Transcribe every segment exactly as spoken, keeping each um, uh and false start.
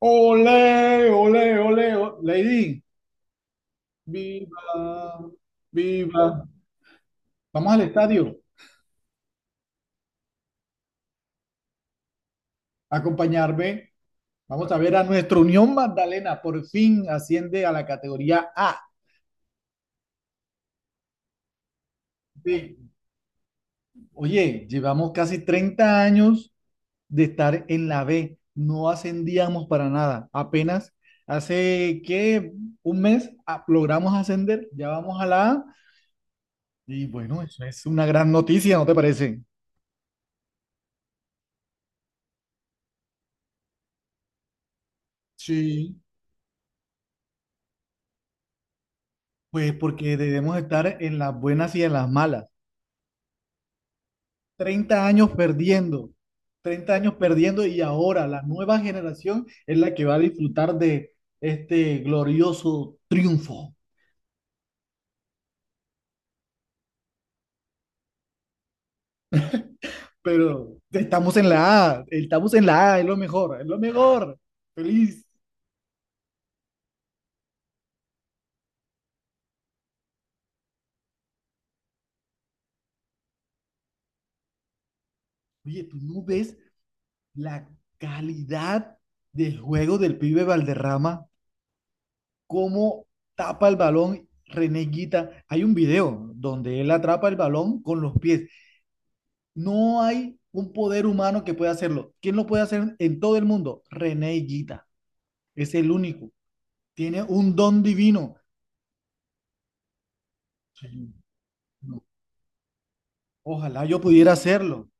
Ole, ole, ole, o- Lady, viva, viva. Vamos al estadio a acompañarme. Vamos a ver a nuestra Unión Magdalena. Por fin asciende a la categoría A. B. Oye, llevamos casi treinta años de estar en la B. No ascendíamos para nada. Apenas hace que un mes ah, logramos ascender. Ya vamos a la A. Y bueno, eso es una gran noticia, ¿no te parece? Sí. Pues porque debemos estar en las buenas y en las malas. Treinta años perdiendo, treinta años perdiendo y ahora la nueva generación es la que va a disfrutar de este glorioso triunfo. Pero estamos en la A, estamos en la A, es lo mejor, es lo mejor. Feliz. Oye, ¿tú no ves la calidad del juego del pibe Valderrama? ¿Cómo tapa el balón Reneguita? Hay un video donde él atrapa el balón con los pies. No hay un poder humano que pueda hacerlo. ¿Quién lo puede hacer en todo el mundo? René Higuita. Es el único. Tiene un don divino. Sí, no. Ojalá yo pudiera hacerlo.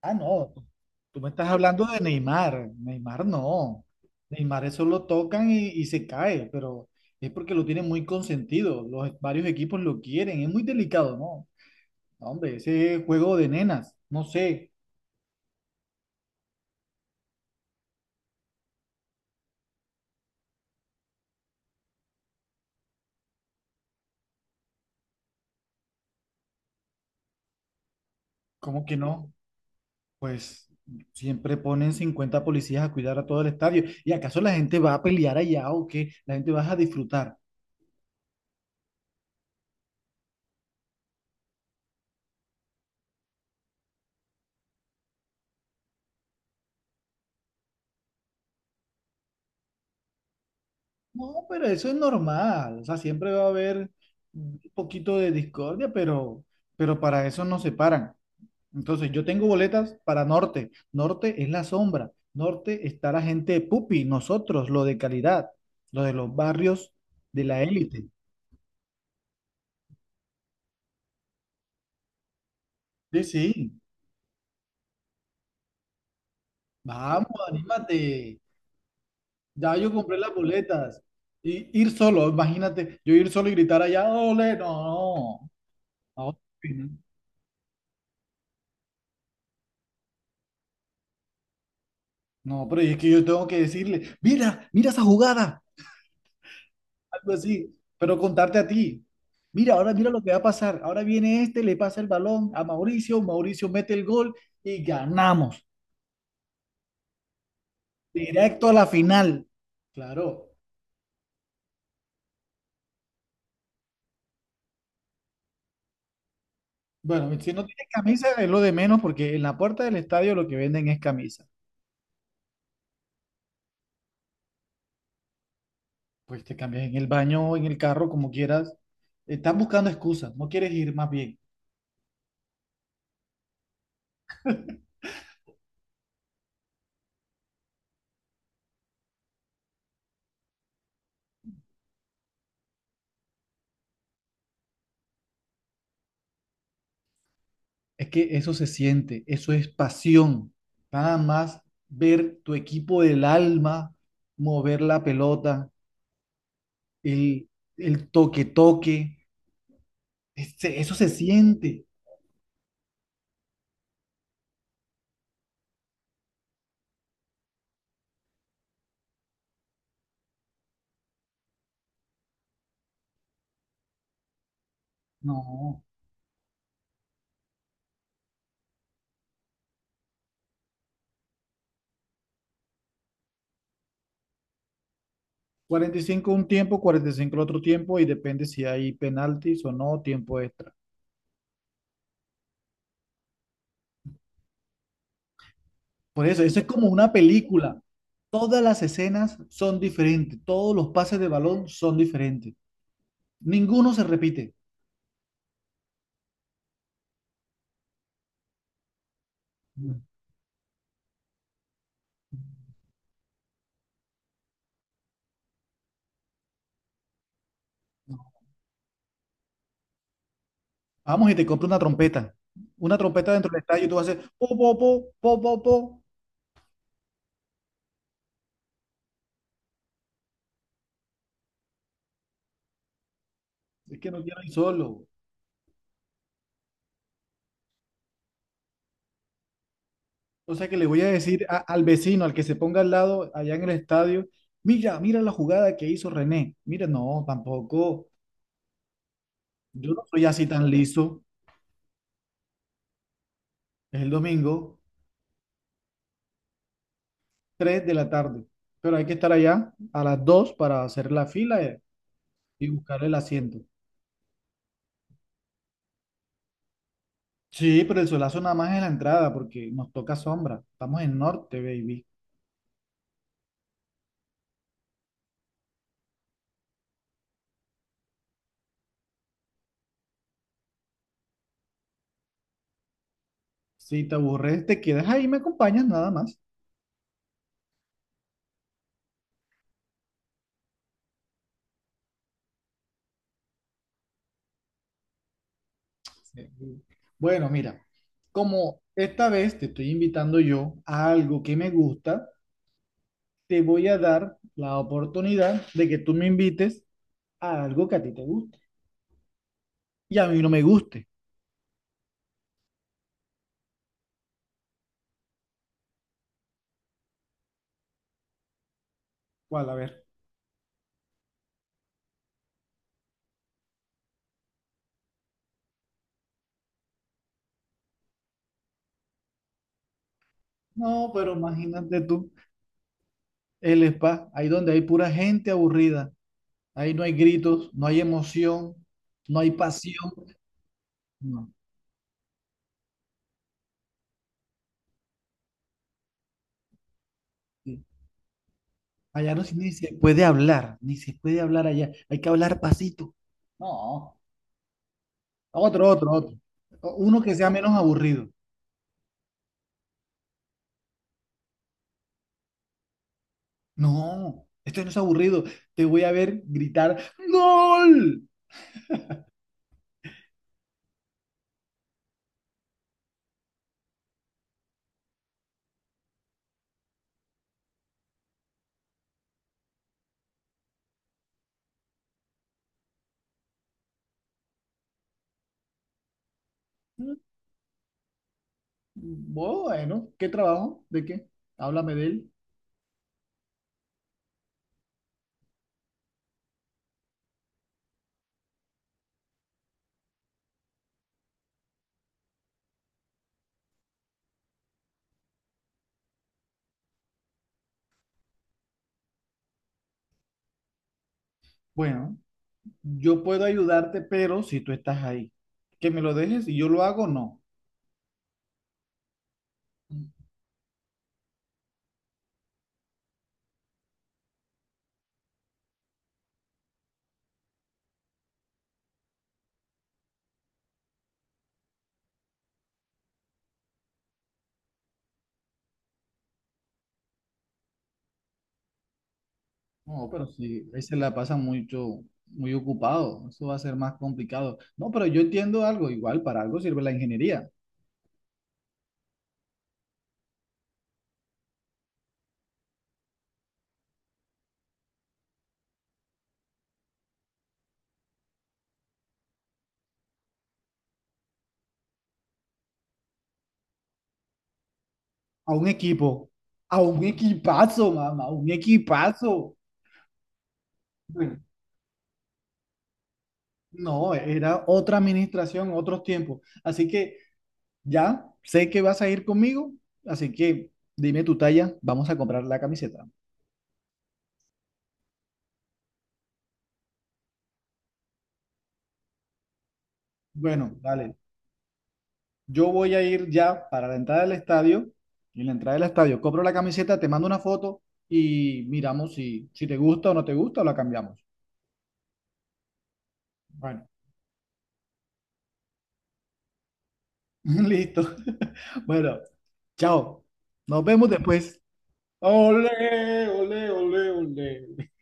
Ah, no. Tú me estás hablando de Neymar. Neymar no. Neymar eso lo tocan y, y se cae, pero es porque lo tienen muy consentido. Los e, varios equipos lo quieren. Es muy delicado, ¿no? No, hombre, ese juego de nenas. No sé. ¿Cómo que no? Pues siempre ponen cincuenta policías a cuidar a todo el estadio. ¿Y acaso la gente va a pelear allá o qué? ¿La gente va a disfrutar? No, pero eso es normal. O sea, siempre va a haber un poquito de discordia, pero, pero para eso nos separan. Entonces, yo tengo boletas para Norte. Norte es la sombra. Norte está la gente de Pupi, nosotros, lo de calidad, lo de los barrios de la élite. Sí, sí. Vamos, anímate. Ya yo compré las boletas. Y ir solo, imagínate, yo ir solo y gritar allá, ole, no, no. No, no, pero es que yo tengo que decirle, mira, mira esa jugada, algo así, pero contarte a ti. Mira, ahora mira lo que va a pasar. Ahora viene este, le pasa el balón a Mauricio, Mauricio mete el gol y ganamos. Directo a la final. Claro. Bueno, si no tienes camisa es lo de menos porque en la puerta del estadio lo que venden es camisa. Pues te cambias en el baño o en el carro, como quieras. Estás buscando excusas, no quieres ir más bien. Es que eso se siente, eso es pasión. Nada más ver tu equipo del alma mover la pelota, el, el toque-toque, ese- eso se siente. No, cuarenta y cinco un tiempo, cuarenta y cinco el otro tiempo y depende si hay penaltis o no, tiempo extra. Por eso, eso es como una película. Todas las escenas son diferentes, todos los pases de balón son diferentes. Ninguno se repite. Vamos y te compro una trompeta. Una trompeta dentro del estadio y tú vas a hacer po, po, po, po, po, po. Es que no quiero ir solo. O sea que le voy a decir a- al vecino, al que se ponga al lado allá en el estadio, mira, mira la jugada que hizo René. Mira, no, tampoco. Yo no soy así tan liso. Es el domingo, tres de la tarde. Pero hay que estar allá a las dos para hacer la fila eh, y buscar el asiento. Sí, pero el solazo nada más es la entrada porque nos toca sombra. Estamos en norte, baby. Si te aburres, te quedas ahí, me acompañas nada más. Sí. Bueno, mira, como esta vez te estoy invitando yo a algo que me gusta, te voy a dar la oportunidad de que tú me invites a algo que a ti te guste y a mí no me guste. ¿Cuál? A ver. No, pero imagínate tú, el spa, ahí donde hay pura gente aburrida, ahí no hay gritos, no hay emoción, no hay pasión. No. Allá no, se- ni se puede hablar, ni se puede hablar allá. Hay que hablar pasito. No, otro, otro, otro. O- Uno que sea menos aburrido. No, esto no es aburrido. Te voy a ver gritar ¡gol! Bueno, ¿qué trabajo? ¿De qué? Háblame de él. Bueno, yo puedo ayudarte, pero si tú estás ahí. Que me lo dejes y yo lo hago, no. No, pero sí, ahí se la pasa mucho, muy ocupado, eso va a ser más complicado. No, pero yo entiendo algo, igual para algo sirve la ingeniería. A un equipo, a un equipazo, mamá, a un equipazo. Bueno, no, era otra administración, otros tiempos. Así que ya sé que vas a ir conmigo, así que dime tu talla, vamos a comprar la camiseta. Bueno, dale. Yo voy a ir ya para la entrada del estadio. Y en la entrada del estadio compro la camiseta, te mando una foto y miramos si, si te gusta o no te gusta o la cambiamos. Bueno, listo. Bueno, chao. Nos vemos después. Olé, olé, olé, olé.